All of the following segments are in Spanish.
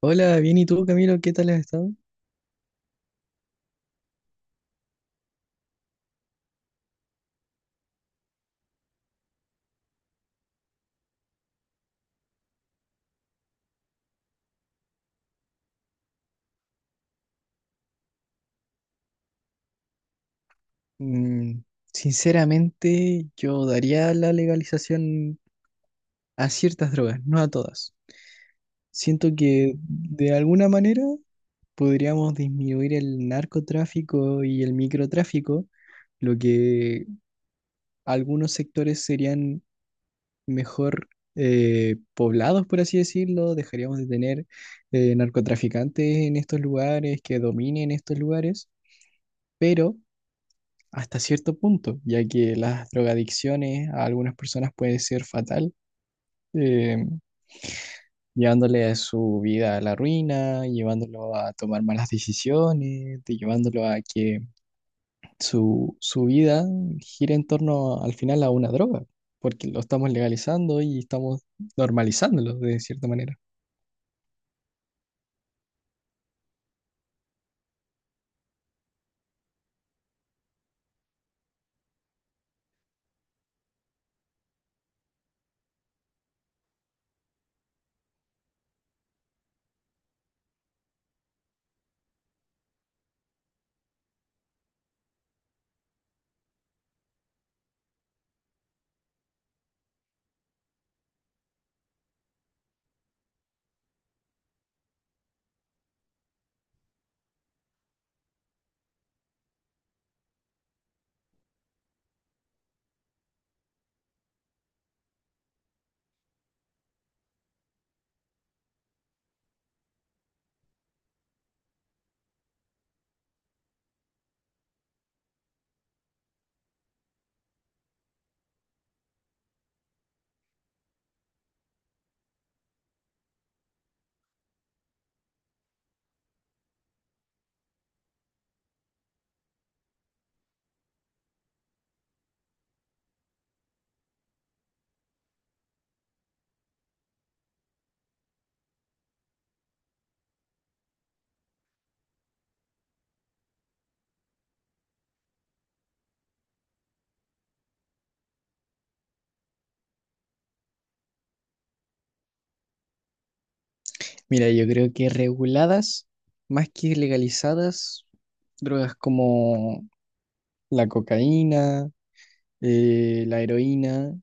Hola, bien, ¿y tú, Camilo? ¿Qué tal has estado? Mm, sinceramente, yo daría la legalización a ciertas drogas, no a todas. Siento que de alguna manera podríamos disminuir el narcotráfico y el microtráfico, lo que algunos sectores serían mejor, poblados, por así decirlo. Dejaríamos de tener narcotraficantes en estos lugares, que dominen estos lugares, pero hasta cierto punto, ya que las drogadicciones a algunas personas puede ser fatal, eh, llevándole a su vida a la ruina, llevándolo a tomar malas decisiones, llevándolo a que su vida gire en torno al final a una droga, porque lo estamos legalizando y estamos normalizándolo de cierta manera. Mira, yo creo que reguladas, más que legalizadas, drogas como la cocaína, la heroína,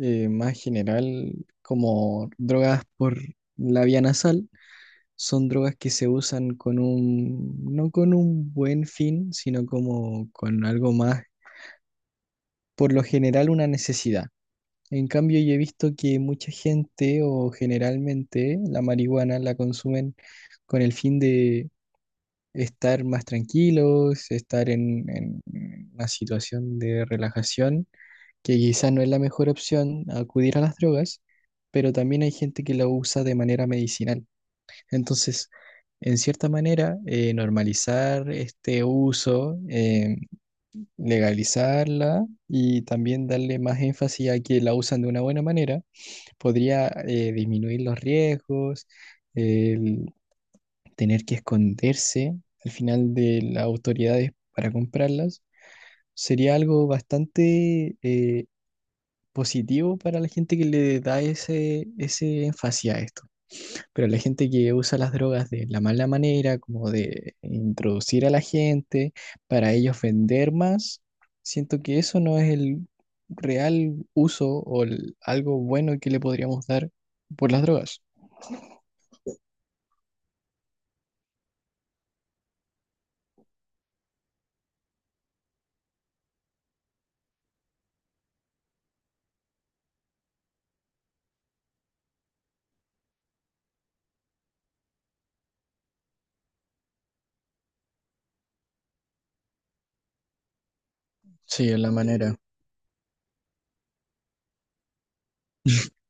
más general, como drogas por la vía nasal, son drogas que se usan con un, no con un buen fin, sino como con algo más, por lo general una necesidad. En cambio, yo he visto que mucha gente o generalmente la marihuana la consumen con el fin de estar más tranquilos, estar en una situación de relajación, que quizás no es la mejor opción acudir a las drogas, pero también hay gente que la usa de manera medicinal. Entonces, en cierta manera, normalizar este uso, legalizarla y también darle más énfasis a que la usan de una buena manera, podría disminuir los riesgos, el tener que esconderse al final de las autoridades para comprarlas. Sería algo bastante positivo para la gente que le da ese énfasis a esto, pero la gente que usa las drogas de la mala manera, como de introducir a la gente para ellos vender más, siento que eso no es el real uso o algo bueno que le podríamos dar por las drogas. Sí, es la manera.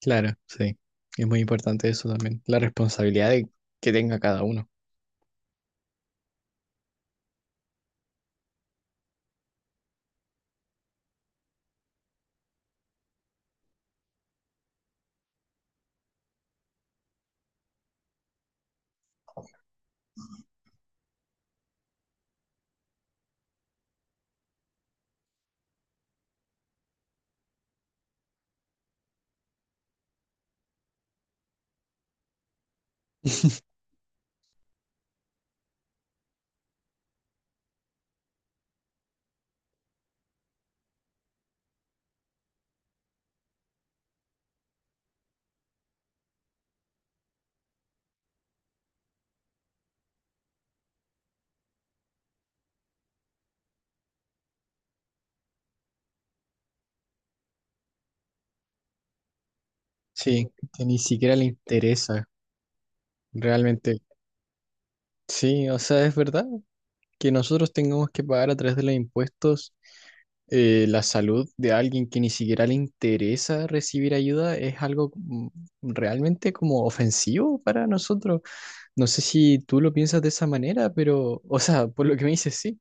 Claro, sí. Es muy importante eso también, la responsabilidad que tenga cada uno. Sí, que ni siquiera le interesa realmente. Sí, o sea, es verdad que nosotros tengamos que pagar a través de los impuestos la salud de alguien que ni siquiera le interesa recibir ayuda es algo, realmente como ofensivo para nosotros. No sé si tú lo piensas de esa manera, pero, o sea, por lo que me dices, sí,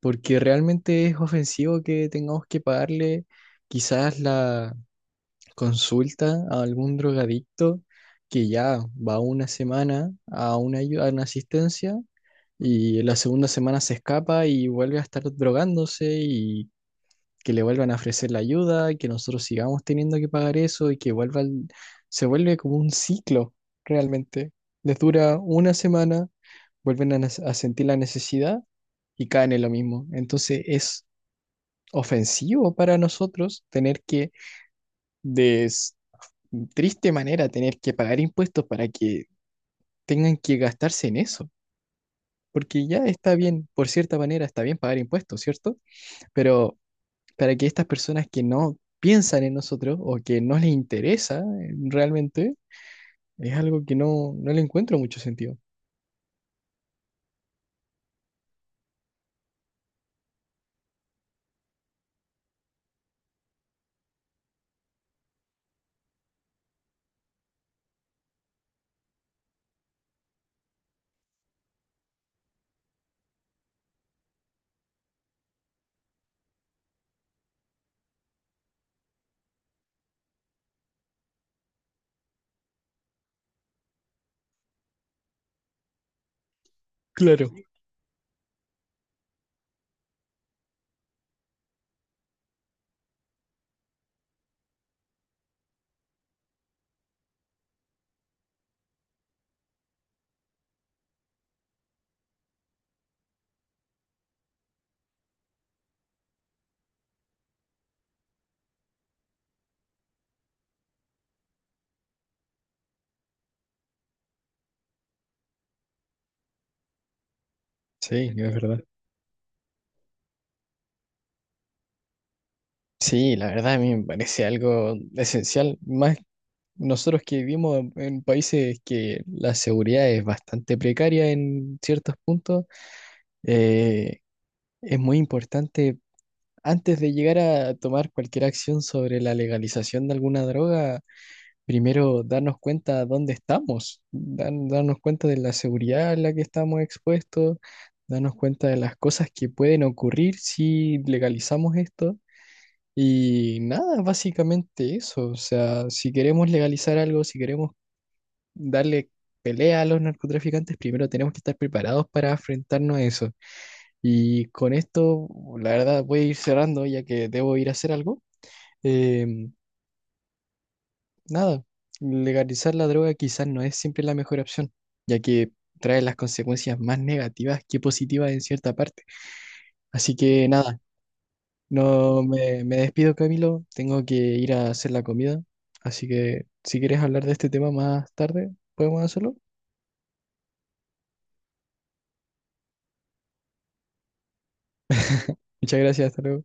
porque realmente es ofensivo que tengamos que pagarle quizás la consulta a algún drogadicto que ya va una semana a una, a una asistencia, y la segunda semana se escapa y vuelve a estar drogándose y que le vuelvan a ofrecer la ayuda, y que nosotros sigamos teniendo que pagar eso y que vuelva se vuelve como un ciclo realmente. Les dura una semana, vuelven a, a sentir la necesidad y caen en lo mismo. Entonces es ofensivo para nosotros tener que, de triste manera, tener que pagar impuestos para que tengan que gastarse en eso, porque ya está bien, por cierta manera está bien pagar impuestos, ¿cierto? Pero para que estas personas que no piensan en nosotros o que no les interesa, realmente, es algo que no, no le encuentro mucho sentido. Claro. Sí, es verdad. Sí, la verdad a mí me parece algo esencial, más nosotros que vivimos en países que la seguridad es bastante precaria en ciertos puntos, eh, es muy importante, antes de llegar a tomar cualquier acción sobre la legalización de alguna droga, primero darnos cuenta dónde estamos, darnos cuenta de la seguridad a la que estamos expuestos, darnos cuenta de las cosas que pueden ocurrir si legalizamos esto. Y nada, básicamente eso. O sea, si queremos legalizar algo, si queremos darle pelea a los narcotraficantes, primero tenemos que estar preparados para enfrentarnos a eso. Y con esto, la verdad, voy a ir cerrando ya que debo ir a hacer algo. Em, nada, legalizar la droga quizás no es siempre la mejor opción, ya que trae las consecuencias más negativas que positivas en cierta parte. Así que nada, no me, me despido, Camilo. Tengo que ir a hacer la comida. Así que si quieres hablar de este tema más tarde, podemos hacerlo. Muchas gracias, hasta luego.